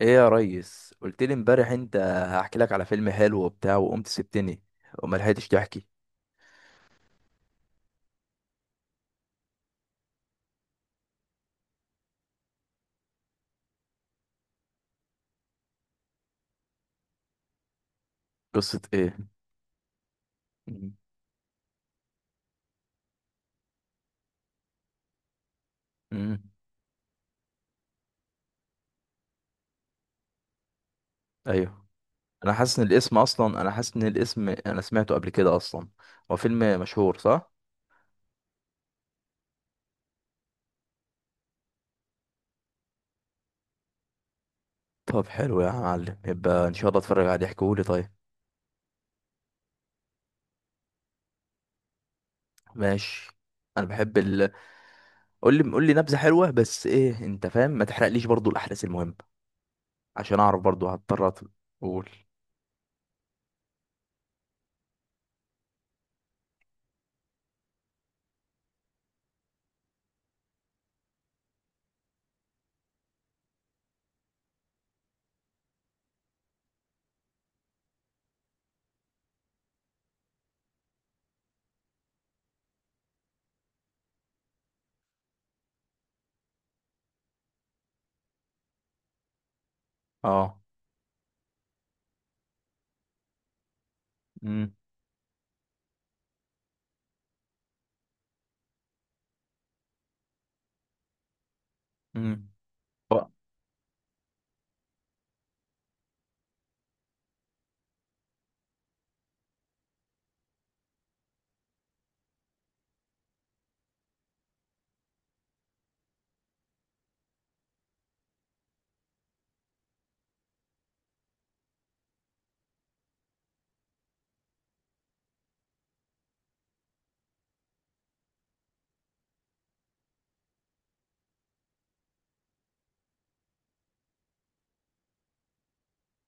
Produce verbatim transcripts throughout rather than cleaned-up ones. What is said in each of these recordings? ايه يا ريس، قلت لي امبارح انت هحكي لك على فيلم حلو وبتاع، وقمت سبتني وما لحقتش تحكي. قصة ايه؟ مم. مم. ايوه. انا حاسس ان الاسم اصلا انا حاسس ان الاسم انا سمعته قبل كده اصلا. هو فيلم مشهور، صح؟ طب حلو يا معلم، يبقى ان شاء الله اتفرج عليه. احكيهولي طيب. ماشي. انا بحب ال قول لي قول لي نبذة حلوة. بس ايه، انت فاهم؟ ما تحرقليش برضو الاحداث المهمة عشان اعرف برضو هضطر أط- اقول. اه. امم.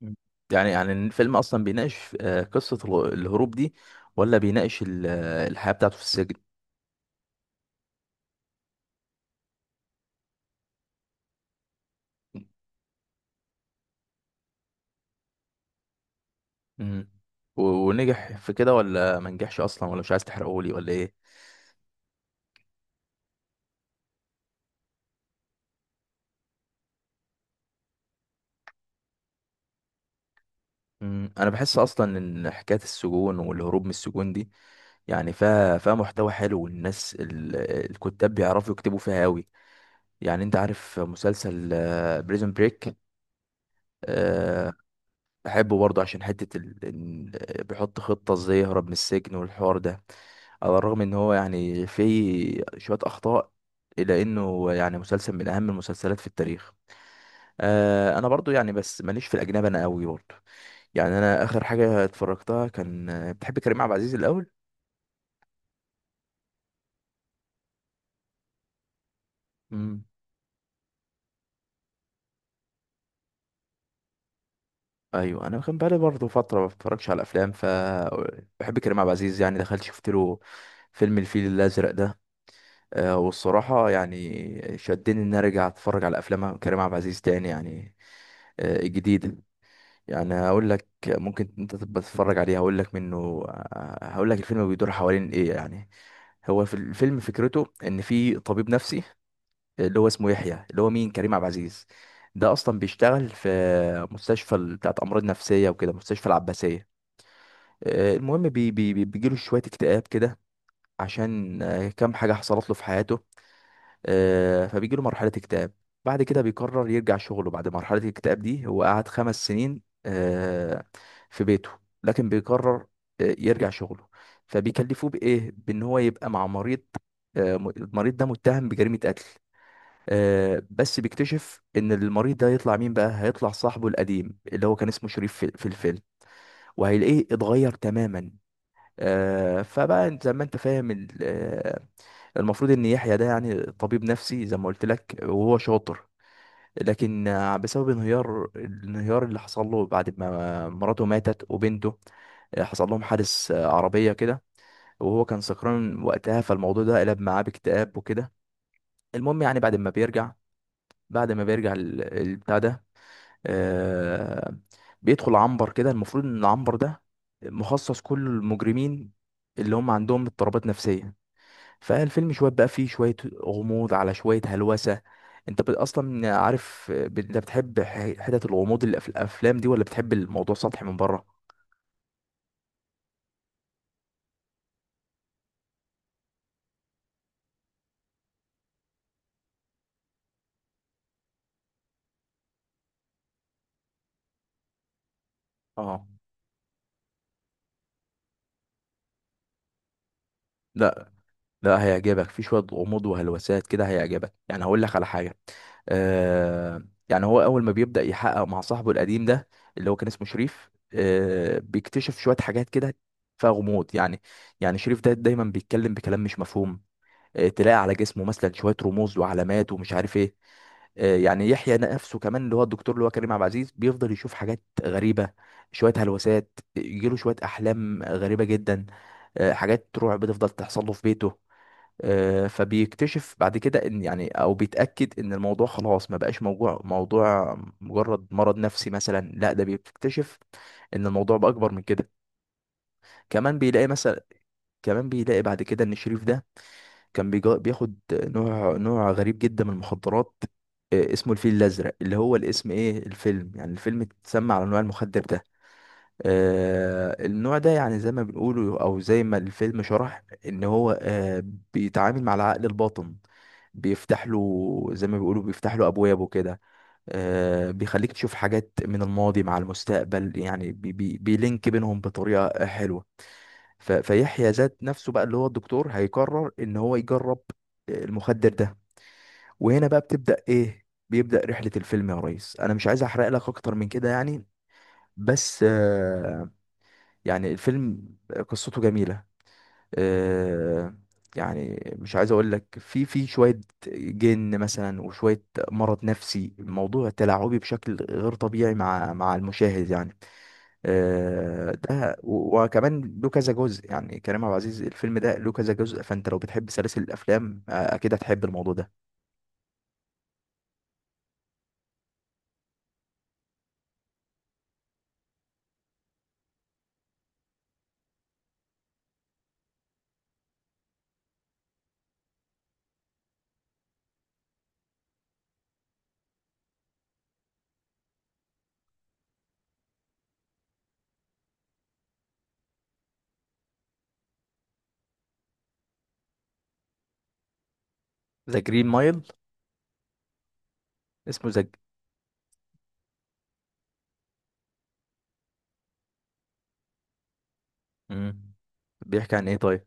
مم. يعني يعني الفيلم اصلا بيناقش آه، قصة الغ- الهروب دي، ولا بيناقش ال- آه، الحياة بتاعته في السجن؟ مم. و- ونجح في كده، ولا ما نجحش اصلا، ولا مش عايز تحرقهولي ولا ايه؟ مم. انا بحس اصلا ان حكاية السجون والهروب من السجون دي يعني فيها فيها محتوى حلو، والناس ال- الكتاب بيعرفوا يكتبوا فيها قوي. يعني انت عارف مسلسل بريزون بريك؟ بحبه برضه عشان حتة ال... إن- آه، بيحط خطة ازاي يهرب من السجن والحوار ده. على الرغم ان هو يعني فيه شوية اخطاء، الا انه يعني مسلسل من اهم المسلسلات في التاريخ. آه انا برضو يعني بس ماليش في الاجنبي انا قوي برضو. يعني انا اخر حاجة اتفرجتها كان. بتحب كريم عبد العزيز الاول؟ امم. ايوه، انا كان بقالي برضو فترة ما بتفرجش على افلام ف بحب كريم عبد العزيز، يعني دخلت شفت له فيلم الفيل الازرق ده. آه والصراحة يعني شدني ان انا ارجع اتفرج على افلام كريم عبد العزيز تاني يعني، آه جديدة. يعني هقول لك، ممكن انت تبقى تتفرج عليه. هقول لك منه. هقول لك الفيلم بيدور حوالين ايه يعني. هو في الفيلم فكرته ان في طبيب نفسي اللي هو اسمه يحيى، اللي هو مين؟ كريم عبد العزيز. ده اصلا بيشتغل في مستشفى ال- بتاعت امراض نفسيه وكده، مستشفى العباسيه. آه، المهم بي بي بي- بيجيله شويه اكتئاب كده، عشان آه، كام حاجه حصلت له في حياته. آه، فبيجي له مرحلة اكتئاب. بعد كده بيقرر يرجع شغله. بعد مرحلة الاكتئاب دي هو قعد خمس سنين آه، في بيته. لكن بيقرر آه، يرجع شغله. فبيكلفوه بإيه؟ بإن هو يبقى مع مريض. آه، م- المريض ده متهم بجريمة قتل. آه، بس بيكتشف ان المريض ده هيطلع مين بقى؟ هيطلع صاحبه القديم، اللي هو كان اسمه شريف في في الفيلم، وهيلاقيه اتغير تماما. آه، فبقى انت- زي ما انت فاهم، المفروض ان يحيى ده يعني طبيب نفسي زي ما قلت لك وهو شاطر. لكن آه، بسبب انهيار الانهيار اللي حصل له بعد ما مراته ماتت وبنته، آه، حصل لهم حادث، آه، عربية كده، وهو كان سكران وقتها. فالموضوع ده قلب معاه باكتئاب وكده. المهم يعني بعد ما بيرجع. بعد ما بيرجع ال- البتاع ده، آه، بيدخل عنبر كده. المفروض ان العنبر ده مخصص كل المجرمين اللي هم عندهم اضطرابات نفسية. فالفيلم شوية بقى فيه شوية غموض على شوية هلوسة. انت بت- اصلا عارف، ب- انت بتحب ح- حتت الغموض اللي في الافلام دي، ولا بتحب الموضوع سطحي من بره؟ اه. لا، لا، هيعجبك. في شوية غموض وهلوسات كده هيعجبك، يعني هقول لك على حاجة. آه يعني هو اول ما بيبدأ يحقق مع صاحبه القديم ده، اللي هو كان اسمه شريف، آه بيكتشف شوية حاجات كده فيها غموض يعني. يعني شريف ده دايما بيتكلم بكلام مش مفهوم. آه، تلاقي على جسمه مثلا شويه رموز وعلامات ومش عارف ايه. آه، يعني يحيى نفسه كمان، اللي هو الدكتور، اللي هو كريم عبد العزيز، بيفضل يشوف حاجات غريبة، شوية هلوسات، يجيله شوية أحلام غريبة جدا. آه، حاجات رعب بتفضل تحصل له في بيته. آه، فبيكتشف بعد كده ان، يعني، او بيتأكد ان الموضوع خلاص ما بقاش موضوع موضوع مجرد مرض نفسي مثلا، لا ده بيكتشف ان الموضوع بأكبر من كده. كمان بيلاقي مثلا، كمان بيلاقي بعد كده ان شريف ده كان بيجا- بياخد نوع نوع غريب جدا من المخدرات، آه، اسمه الفيل الأزرق، اللي هو الاسم ايه، الفيلم يعني الفيلم اتسمى على نوع المخدر ده. آه النوع ده يعني زي ما بنقوله، او زي ما الفيلم شرح، ان هو آه بيتعامل مع العقل الباطن، بيفتح له زي ما بيقولوا بيفتح له ابوابه كده. آه بيخليك تشوف حاجات من الماضي مع المستقبل، يعني بي بي بيلينك بينهم بطريقة حلوة. ف... فيحيى ذات نفسه بقى، اللي هو الدكتور، هيقرر ان هو يجرب آه، المخدر ده. وهنا بقى بتبدأ ايه بيبدأ رحلة الفيلم يا ريس. انا مش عايز احرق لك اكتر من كده يعني، بس آه، يعني الفيلم قصته جميلة. آه، يعني مش عايز اقول لك في في شوية جن مثلا وشوية مرض نفسي. الموضوع تلاعبي بشكل غير طبيعي مع مع المشاهد يعني. آه، ده و- وكمان له كذا جزء، يعني كريم عبد العزيز الفيلم ده له كذا جزء. فانت لو بتحب سلاسل الافلام آه، اكيد هتحب الموضوع ده. ذا جرين مايل. اسمه ذا. امم. بيحكي عن ايه طيب؟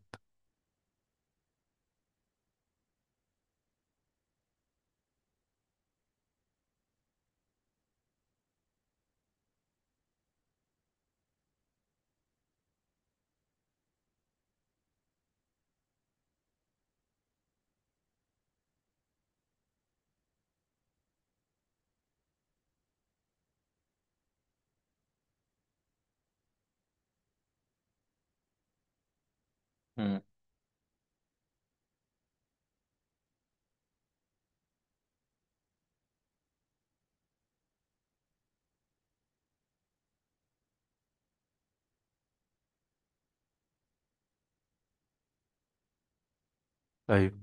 امم. ايوه.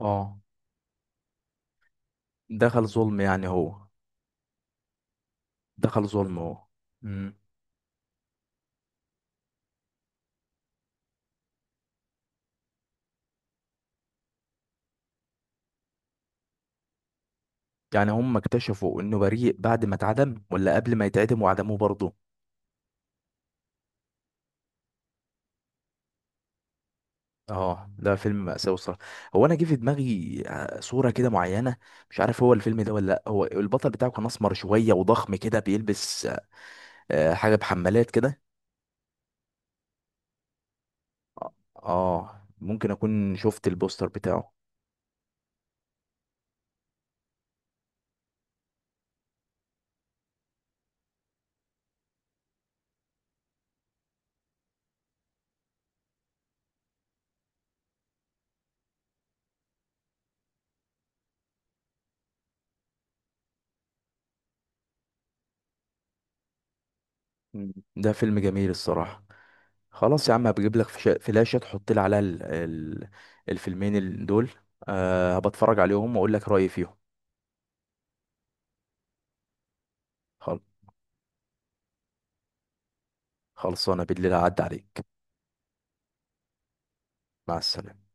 اه. دخل ظلم يعني هو؟ دخل ظلم هو؟ امم. يعني هم اكتشفوا انه بريء بعد ما اتعدم، ولا قبل ما يتعدم وعدموه برضه؟ اه، ده فيلم مأساوي الصراحة. هو انا جه في دماغي آه، صورة كده معينة. مش عارف هو الفيلم ده ولا لا. هو البطل بتاعه كان اسمر شوية وضخم كده بيلبس آه، آه، حاجة بحمالات كده. اه. آه، ممكن اكون شفت البوستر بتاعه. مم. ده فيلم جميل الصراحة. خلاص يا عم، هبجيب لك فشا- فلاشة تحط لي عليها ال- ال- الفيلمين ال- دول. أه بتفرج عليهم واقول لك رأيي فيهم. خل- خلصانة، بالليل هعدي عليك. مع السلامة.